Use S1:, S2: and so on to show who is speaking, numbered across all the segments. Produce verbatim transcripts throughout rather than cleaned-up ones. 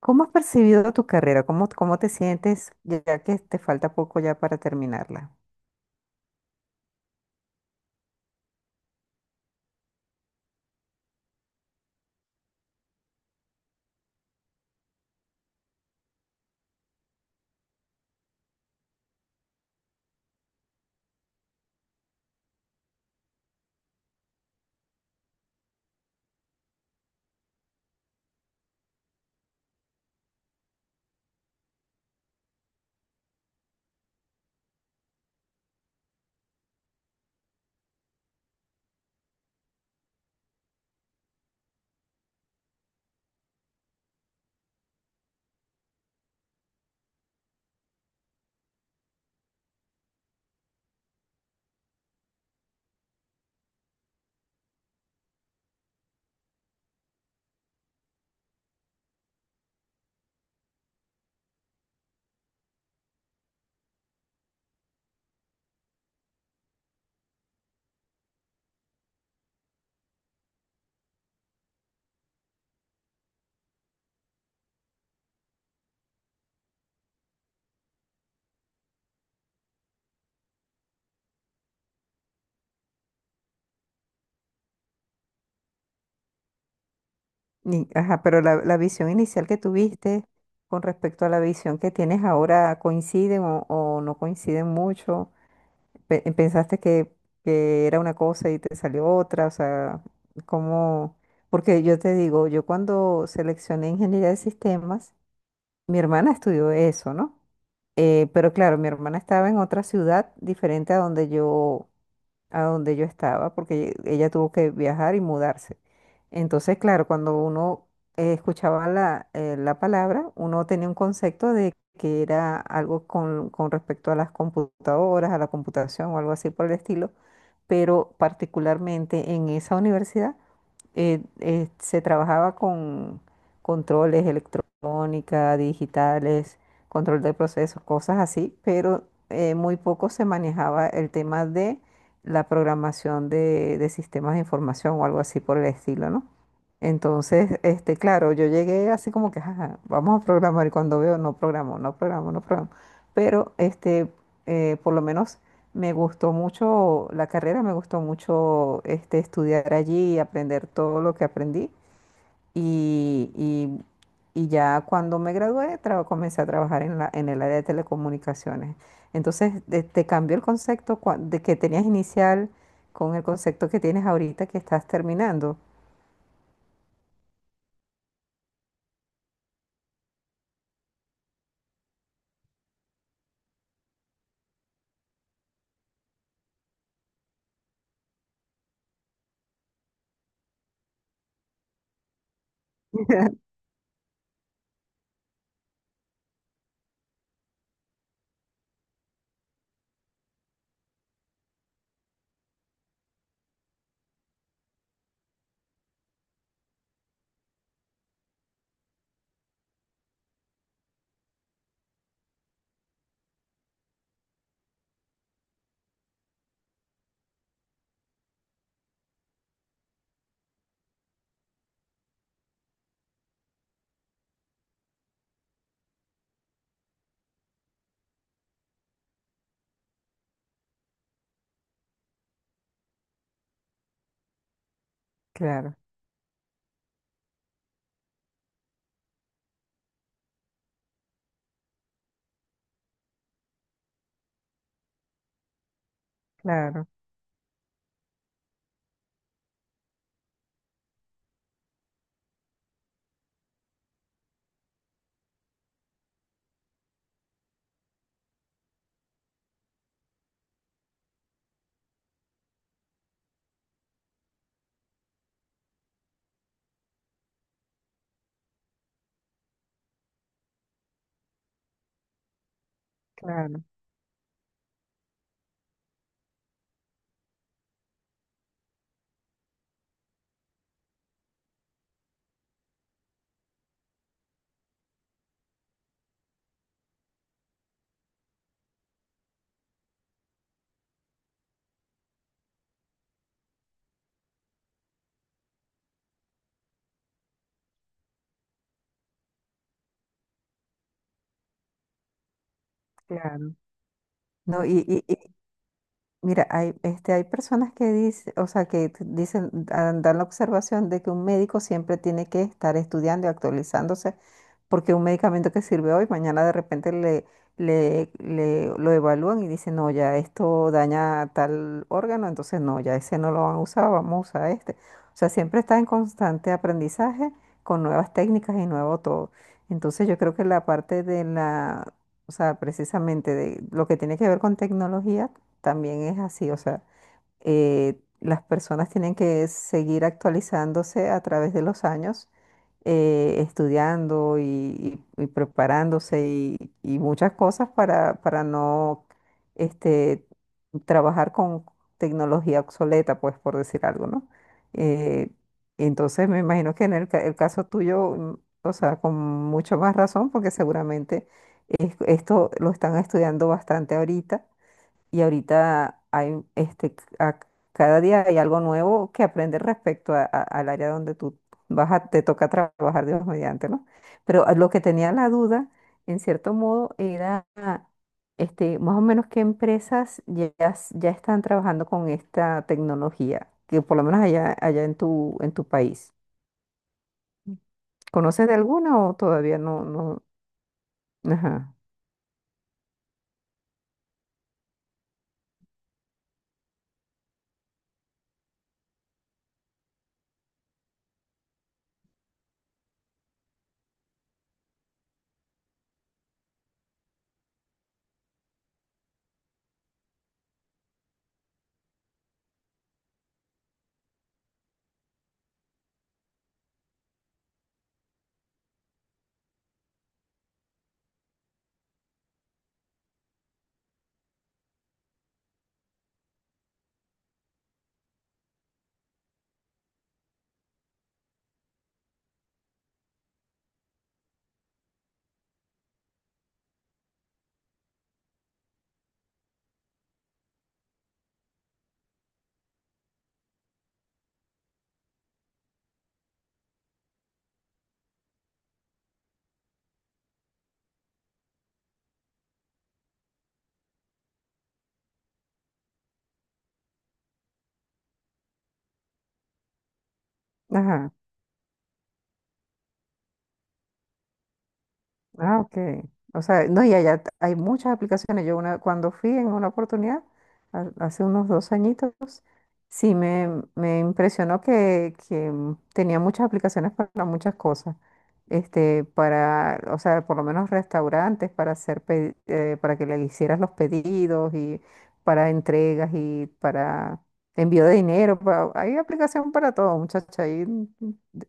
S1: ¿Cómo has percibido tu carrera? ¿Cómo, cómo te sientes ya que te falta poco ya para terminarla? Ni- ajá, pero la, la visión inicial que tuviste con respecto a la visión que tienes ahora, ¿coinciden o, o no coinciden mucho? Pe- ¿Pensaste que, que era una cosa y te salió otra? O sea, ¿cómo? Porque yo te digo, yo cuando seleccioné ingeniería de sistemas, mi hermana estudió eso, ¿no? Eh, pero claro, mi hermana estaba en otra ciudad diferente a donde yo a donde yo estaba, porque ella tuvo que viajar y mudarse. Entonces, claro, cuando uno eh, escuchaba la, eh, la palabra, uno tenía un concepto de que era algo con, con respecto a las computadoras, a la computación o algo así por el estilo, pero particularmente en esa universidad eh, eh, se trabajaba con controles electrónica, digitales, control de procesos, cosas así, pero eh, muy poco se manejaba el tema de la programación de, de sistemas de información o algo así por el estilo, ¿no? Entonces, este, claro, yo llegué así como que: "Ajá, vamos a programar", y cuando veo, no programo, no programo, no programo. Pero, este, eh, por lo menos me gustó mucho la carrera, me gustó mucho, este, estudiar allí y aprender todo lo que aprendí. Y, y- y ya cuando me gradué, traba- comencé a trabajar en la, en el área de telecomunicaciones. Entonces, de- te cambió el concepto cua- de que tenías inicial con el concepto que tienes ahorita que estás terminando. Claro, claro, claro, claro. No, y, y- y, mira, hay, este, hay personas que dicen, o sea, que t- dicen, dan dan la observación de que un médico siempre tiene que estar estudiando y actualizándose porque un medicamento que sirve hoy, mañana de repente le, le, le- lo evalúan y dicen, no, ya esto daña tal órgano, entonces no, ya ese no lo van a usar, vamos a usar este. O sea, siempre está en constante aprendizaje con nuevas técnicas y nuevo todo. Entonces yo creo que la parte de la, o sea, precisamente de lo que tiene que ver con tecnología también es así, o sea eh, las personas tienen que seguir actualizándose a través de los años, eh, estudiando y, y- y preparándose y, y muchas cosas para, para no este, trabajar con tecnología obsoleta, pues por decir algo, ¿no? Eh, entonces me imagino que en el, ca- el caso tuyo, mm, o sea, con mucho más razón, porque seguramente es- esto lo están estudiando bastante ahorita y ahorita hay este, a- cada día hay algo nuevo que aprender respecto a- a- al área donde tú vas a- te toca trabajar, Dios mediante, ¿no? Pero a lo que tenía la duda, en cierto modo, era este, más o menos qué empresas ya, s- ya están trabajando con esta tecnología, que por lo menos allá, allá en tu, en tu país. ¿Conoces de alguna o todavía no, no? Ajá, ajá. Ah, ok. O sea, no, y allá t- hay muchas aplicaciones. Yo una, cuando fui en una oportunidad, ha- hace unos dos añitos, sí me, me impresionó que, que tenía muchas aplicaciones para muchas cosas. Este, para, o sea, por lo menos restaurantes para hacer, pe- eh, para que le hicieras los pedidos y para entregas y para envío de dinero. Pa- hay aplicación para todo, muchacha. Y mm,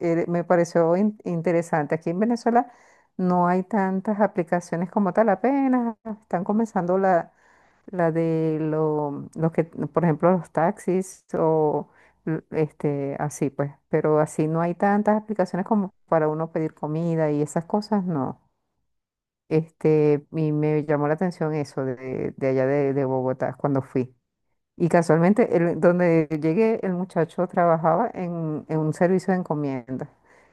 S1: eh, me pareció in- interesante. Aquí en Venezuela no hay tantas aplicaciones como tal, apenas están comenzando la, la de lo, los que, por ejemplo, los taxis o l- este, así pues, pero así no hay tantas aplicaciones como para uno pedir comida y esas cosas, no. Este, y me llamó la atención eso de, de allá de, de Bogotá cuando fui. Y casualmente, el- donde llegué, el muchacho trabajaba en, en un servicio de encomienda.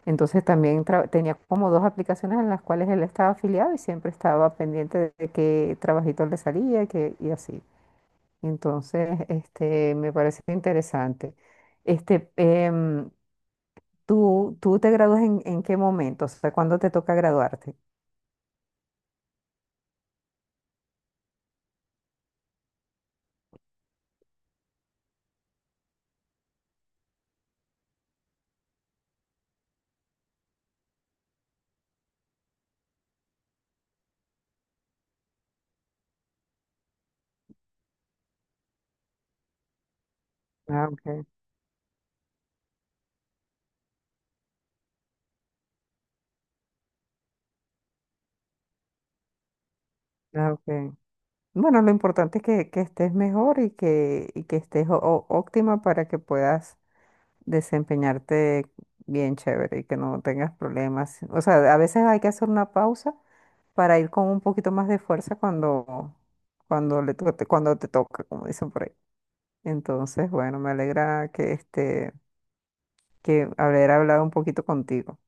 S1: Entonces también tra- tenía como dos aplicaciones en las cuales él estaba afiliado y siempre estaba pendiente de qué trabajito le salía que, y así. Entonces, este, me parece interesante. Este, em, ¿tú, tú te gradúas en, en qué momento? O sea, ¿cuándo te toca graduarte? Ah, ok, ah, ok. Bueno, lo importante es que, que estés mejor y que, y que estés ó- ó- óptima para que puedas desempeñarte bien chévere y que no tengas problemas. O sea, a veces hay que hacer una pausa para ir con un poquito más de fuerza cuando, cuando le to- cuando te toca, como dicen por ahí. Entonces, bueno, me alegra que este, que haber hablado un poquito contigo.